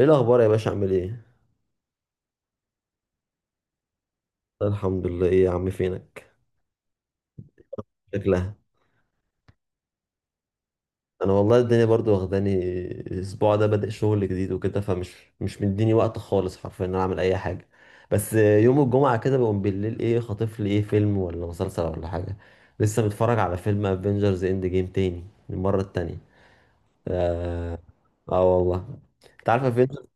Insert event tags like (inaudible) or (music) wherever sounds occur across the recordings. ايه الاخبار يا باشا عامل ايه؟ الحمد لله. ايه يا عم، فينك؟ شكلها. انا والله الدنيا برضو واخداني، الاسبوع ده بادئ شغل جديد وكده، فمش مش مديني وقت خالص، حرفيا ان انا اعمل اي حاجه. بس يوم الجمعه كده بقوم بالليل ايه خاطف لي ايه فيلم ولا مسلسل ولا حاجه. لسه متفرج على فيلم افنجرز اند جيم تاني، المره التانية. اه, آه والله. انت عارف افنجرز،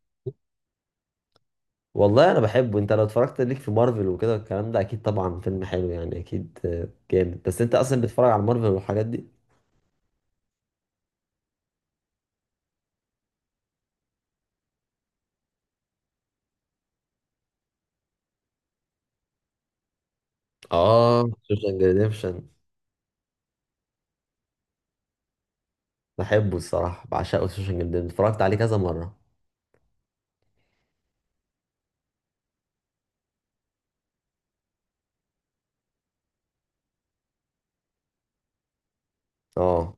والله انا بحبه. انت لو اتفرجت ليك في مارفل وكده الكلام ده اكيد طبعا فيلم حلو، يعني اكيد جامد. بس انت اصلا بتتفرج على مارفل والحاجات دي؟ اه، سوشن ريديمشن. بحبه الصراحه، بعشقه سوشن ريديمشن، اتفرجت عليه كذا مره. اه،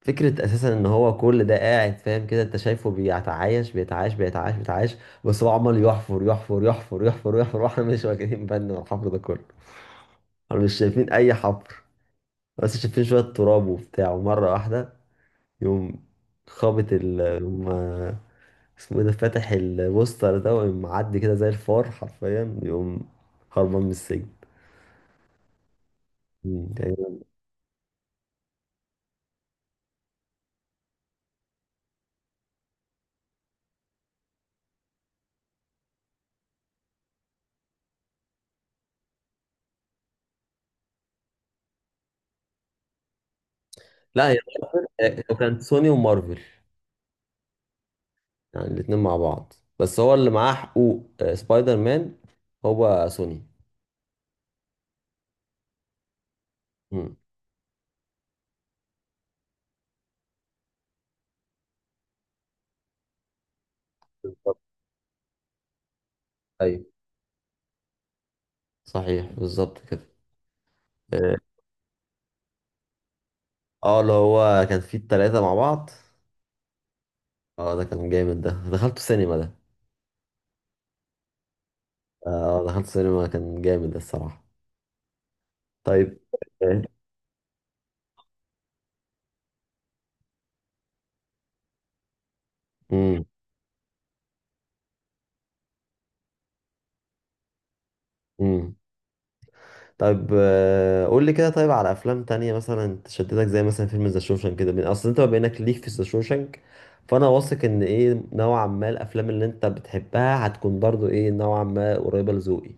فكره اساسا ان هو كل ده قاعد فاهم كده. انت شايفه بيتعايش، بس هو عمال يحفر (laughs) واحنا مش واخدين بالنا من الحفر ده كله، احنا مش شايفين اي حفر، بس شايفين شويه تراب وبتاع. ومره واحده يقوم خابط. يقوم اسمه ايه ده، فاتح البوستر ده، ويقوم معدي كده زي الفار، حرفيا يقوم هربان من السجن. يعني لا، هي مارفل. لو كانت سوني ومارفل، يعني الاتنين مع بعض. بس هو اللي معاه حقوق سبايدر مان هو سوني. مم. بالظبط. ايوه، صحيح، بالظبط كده. اه، اللي هو كان فيه التلاتة مع بعض. اه، ده كان جامد ده، دخلت سينما ده. اه، دخلت سينما كان جامد الصراحة. طيب. امم طيب، قول لي كده، طيب على افلام تانية مثلا تشددك، زي مثلا فيلم ذا شوشانك كده. من اصل انت بما انك ليك في ذا شوشانك فانا واثق ان ايه، نوعا ما الافلام اللي انت بتحبها هتكون برضو ايه نوعا ما قريبة لذوقي.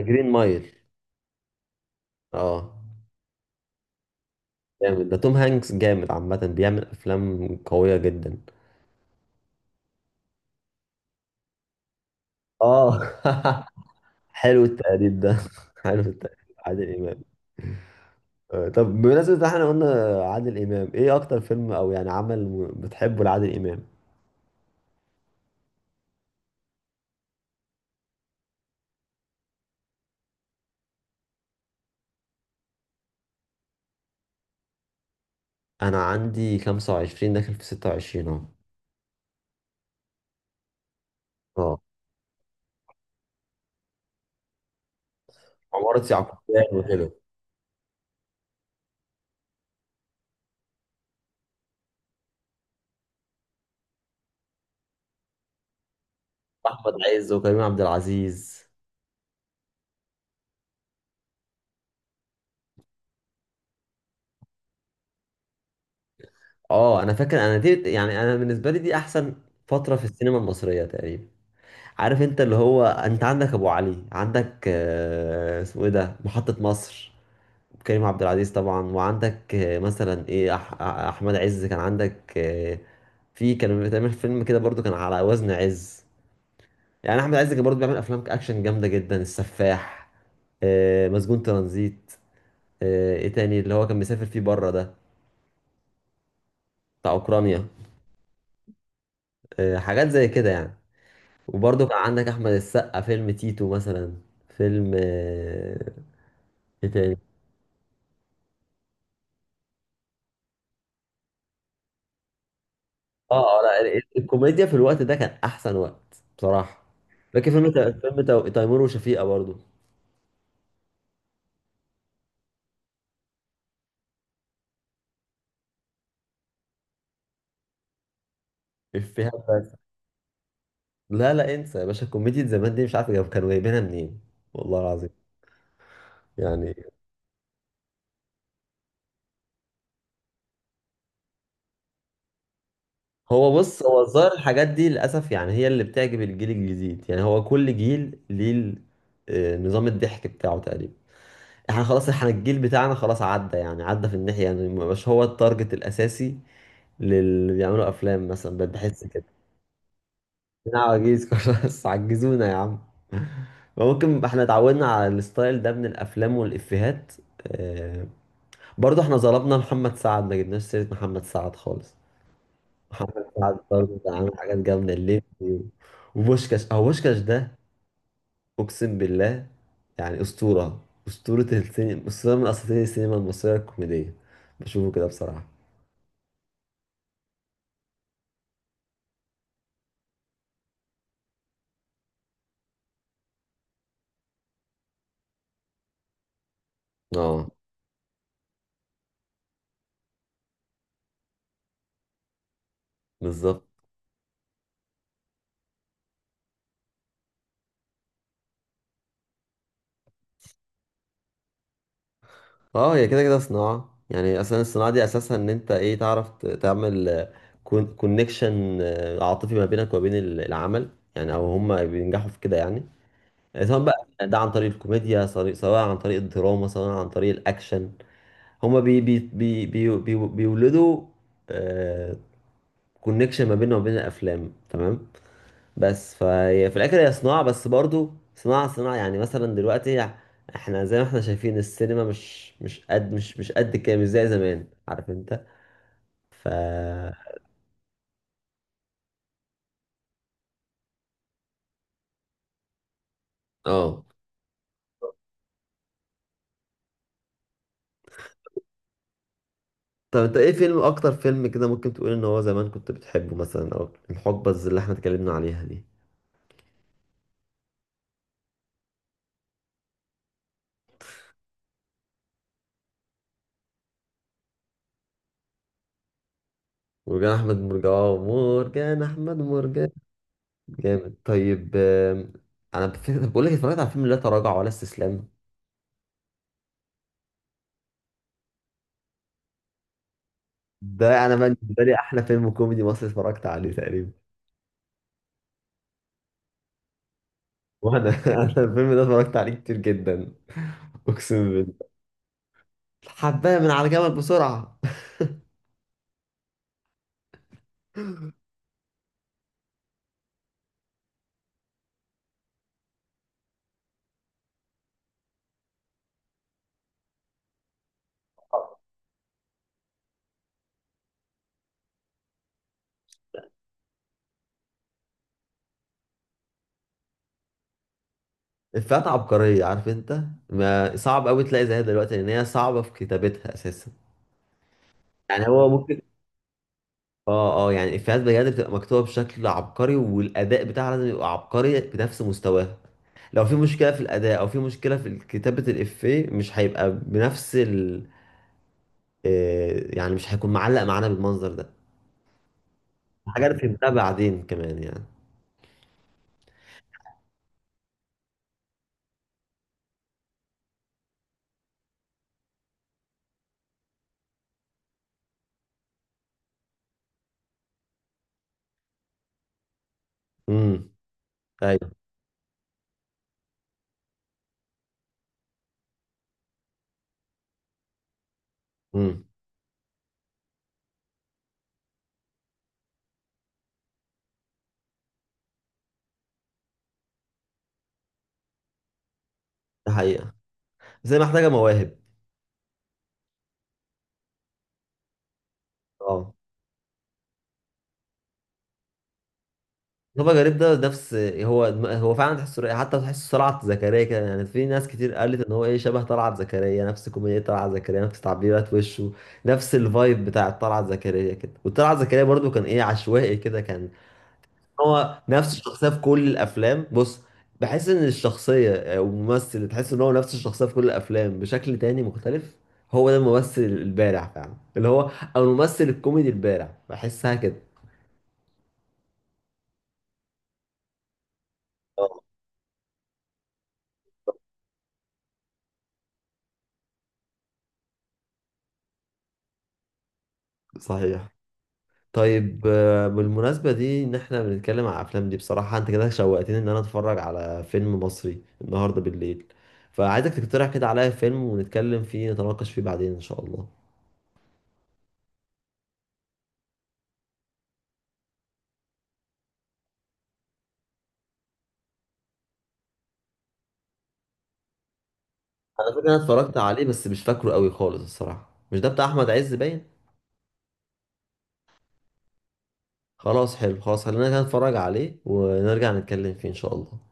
جرين مايل. اه، جامد ده، توم هانكس جامد عامة، بيعمل افلام قوية جدا. اه (laughs) حلو التقليد ده (laughs) حلو التقليد. عادل امام. طب بمناسبة إن احنا قلنا عادل امام، ايه اكتر فيلم او يعني عمل بتحبه لعادل امام؟ انا عندي 25 داخل في 26 اهو. اه، عمارة يعقوبيان وكده. احمد عز وكريم عبد العزيز. اه، انا فاكر انا دي، يعني انا بالنسبه لي دي احسن فتره في السينما المصريه تقريبا. عارف انت، اللي هو انت عندك ابو علي، عندك اسمه ايه ده، محطه مصر، كريم عبد العزيز طبعا. وعندك مثلا ايه، احمد عز كان. عندك في كان بيتعمل فيلم كده برضو كان على وزن عز، يعني احمد عز كان برضه بيعمل افلام اكشن جامده جدا، السفاح، مسجون ترانزيت، ايه تاني اللي هو كان مسافر فيه بره ده، بتاع اوكرانيا، حاجات زي كده يعني. وبرضه كان عندك احمد السقا، فيلم تيتو مثلا، فيلم ايه تاني. اه، لا، الكوميديا في الوقت ده كان احسن وقت بصراحه. فاكر فيلم فيلم تيمور وشفيقه برضه. افيهات بس. لا انسى يا باشا، كوميديا زمان دي مش عارف كانوا جايبينها منين، والله العظيم. يعني هو بص، هو الظاهر الحاجات دي للأسف يعني هي اللي بتعجب الجيل الجديد. يعني هو كل جيل ليه نظام الضحك بتاعه تقريبا. احنا خلاص، احنا الجيل بتاعنا خلاص عدى، يعني عدى في الناحية، يعني ما بقاش هو التارجت الأساسي للي بيعملوا أفلام مثلا، بقيت بحس كده. احنا عواجيز (laughs) خلاص، عجزونا يا عم. ممكن احنا اتعودنا على الستايل ده من الأفلام والإفيهات. آه، برضه احنا ظلمنا محمد سعد، ما جبناش سيرة محمد سعد خالص. محمد سعد برضه ده عامل حاجات جامدة، الليمبي و، وبوشكاش، أو بوشكاش ده أقسم بالله، يعني أسطورة، أسطورة السينما، أسطورة من أساطير السينما المصرية الكوميدية، بشوفه كده بصراحة. اه، بالظبط. اه، هي كده كده صناعة، يعني أصلا الصناعة دي أساسها إن أنت إيه، تعرف تعمل كونكشن عاطفي ما بينك وبين العمل، يعني أو هما بينجحوا في كده يعني. سواء بقى ده عن طريق الكوميديا، سواء عن طريق الدراما، سواء عن طريق الأكشن، هما بي بي بي بي بي بيولدوا آه كونكشن ما بيننا وبين الافلام، تمام. بس فهي في الاخر هي صناعه، بس برضو صناعه. يعني مثلا دلوقتي احنا زي ما احنا شايفين، السينما مش قد، مش قد كده، مش زي زمان، عارف انت؟ اه. طب انت ايه فيلم، اكتر فيلم كده ممكن تقول ان هو زمان كنت بتحبه، مثلا او الحقبه اللي احنا اتكلمنا عليها دي؟ مرجان احمد مرجان، مرجان احمد مرجان، جامد. طيب انا بقول لك، اتفرجت على فيلم لا تراجع ولا استسلام. ده انا بالنسبه لي احلى فيلم كوميدي مصري اتفرجت عليه تقريبا. وانا (laughs) انا الفيلم ده اتفرجت عليه كتير جدا، اقسم بالله. حبايه من على جمل بسرعه. افيهات عبقريه، عارف انت، ما صعب قوي تلاقي زيها دلوقتي، لان هي صعبه في كتابتها اساسا. يعني هو ممكن، اه اه، يعني الافيهات بجد بتبقى مكتوبه بشكل عبقري، والاداء بتاعها لازم يبقى عبقري بنفس مستواها. لو في مشكله في الاداء، او في مشكله في كتابه الافيه، مش هيبقى بنفس ال يعني مش هيكون معلق معانا بالمنظر ده. حاجه انا فهمتها بعدين كمان يعني. امم ايوه. امم. ده حقيقه، بس هي محتاجه مواهب. اه. مصطفى غريب ده، نفس هو، هو فعلا تحس، حتى تحس طلعت زكريا كده، يعني في ناس كتير قالت ان هو ايه شبه طلعت زكريا، نفس كوميديا طلعت زكريا، نفس تعبيرات وشه، نفس الفايب بتاع طلعت زكريا كده. وطلعت زكريا برضو كان ايه، عشوائي كده، كان هو نفس الشخصيه في كل الافلام، بص. بحس ان الشخصيه او الممثل اللي تحس ان هو نفس الشخصيه في كل الافلام بشكل تاني مختلف، هو ده الممثل البارع فعلا اللي هو، او الممثل الكوميدي البارع، بحسها كده. آه، صحيح. طيب بالمناسبة دي ان احنا بنتكلم على الافلام دي، بصراحة انت كده شوقتني ان انا اتفرج على فيلم مصري النهاردة بالليل، فعايزك تقترح كده عليا فيلم ونتكلم فيه، نتناقش فيه بعدين ان شاء الله. انا فاكر انا اتفرجت عليه، بس مش فاكره قوي خالص الصراحة. مش ده بتاع احمد عز باين. خلاص حلو، خلاص خلينا كده نتفرج عليه ونرجع نتكلم فيه ان شاء الله.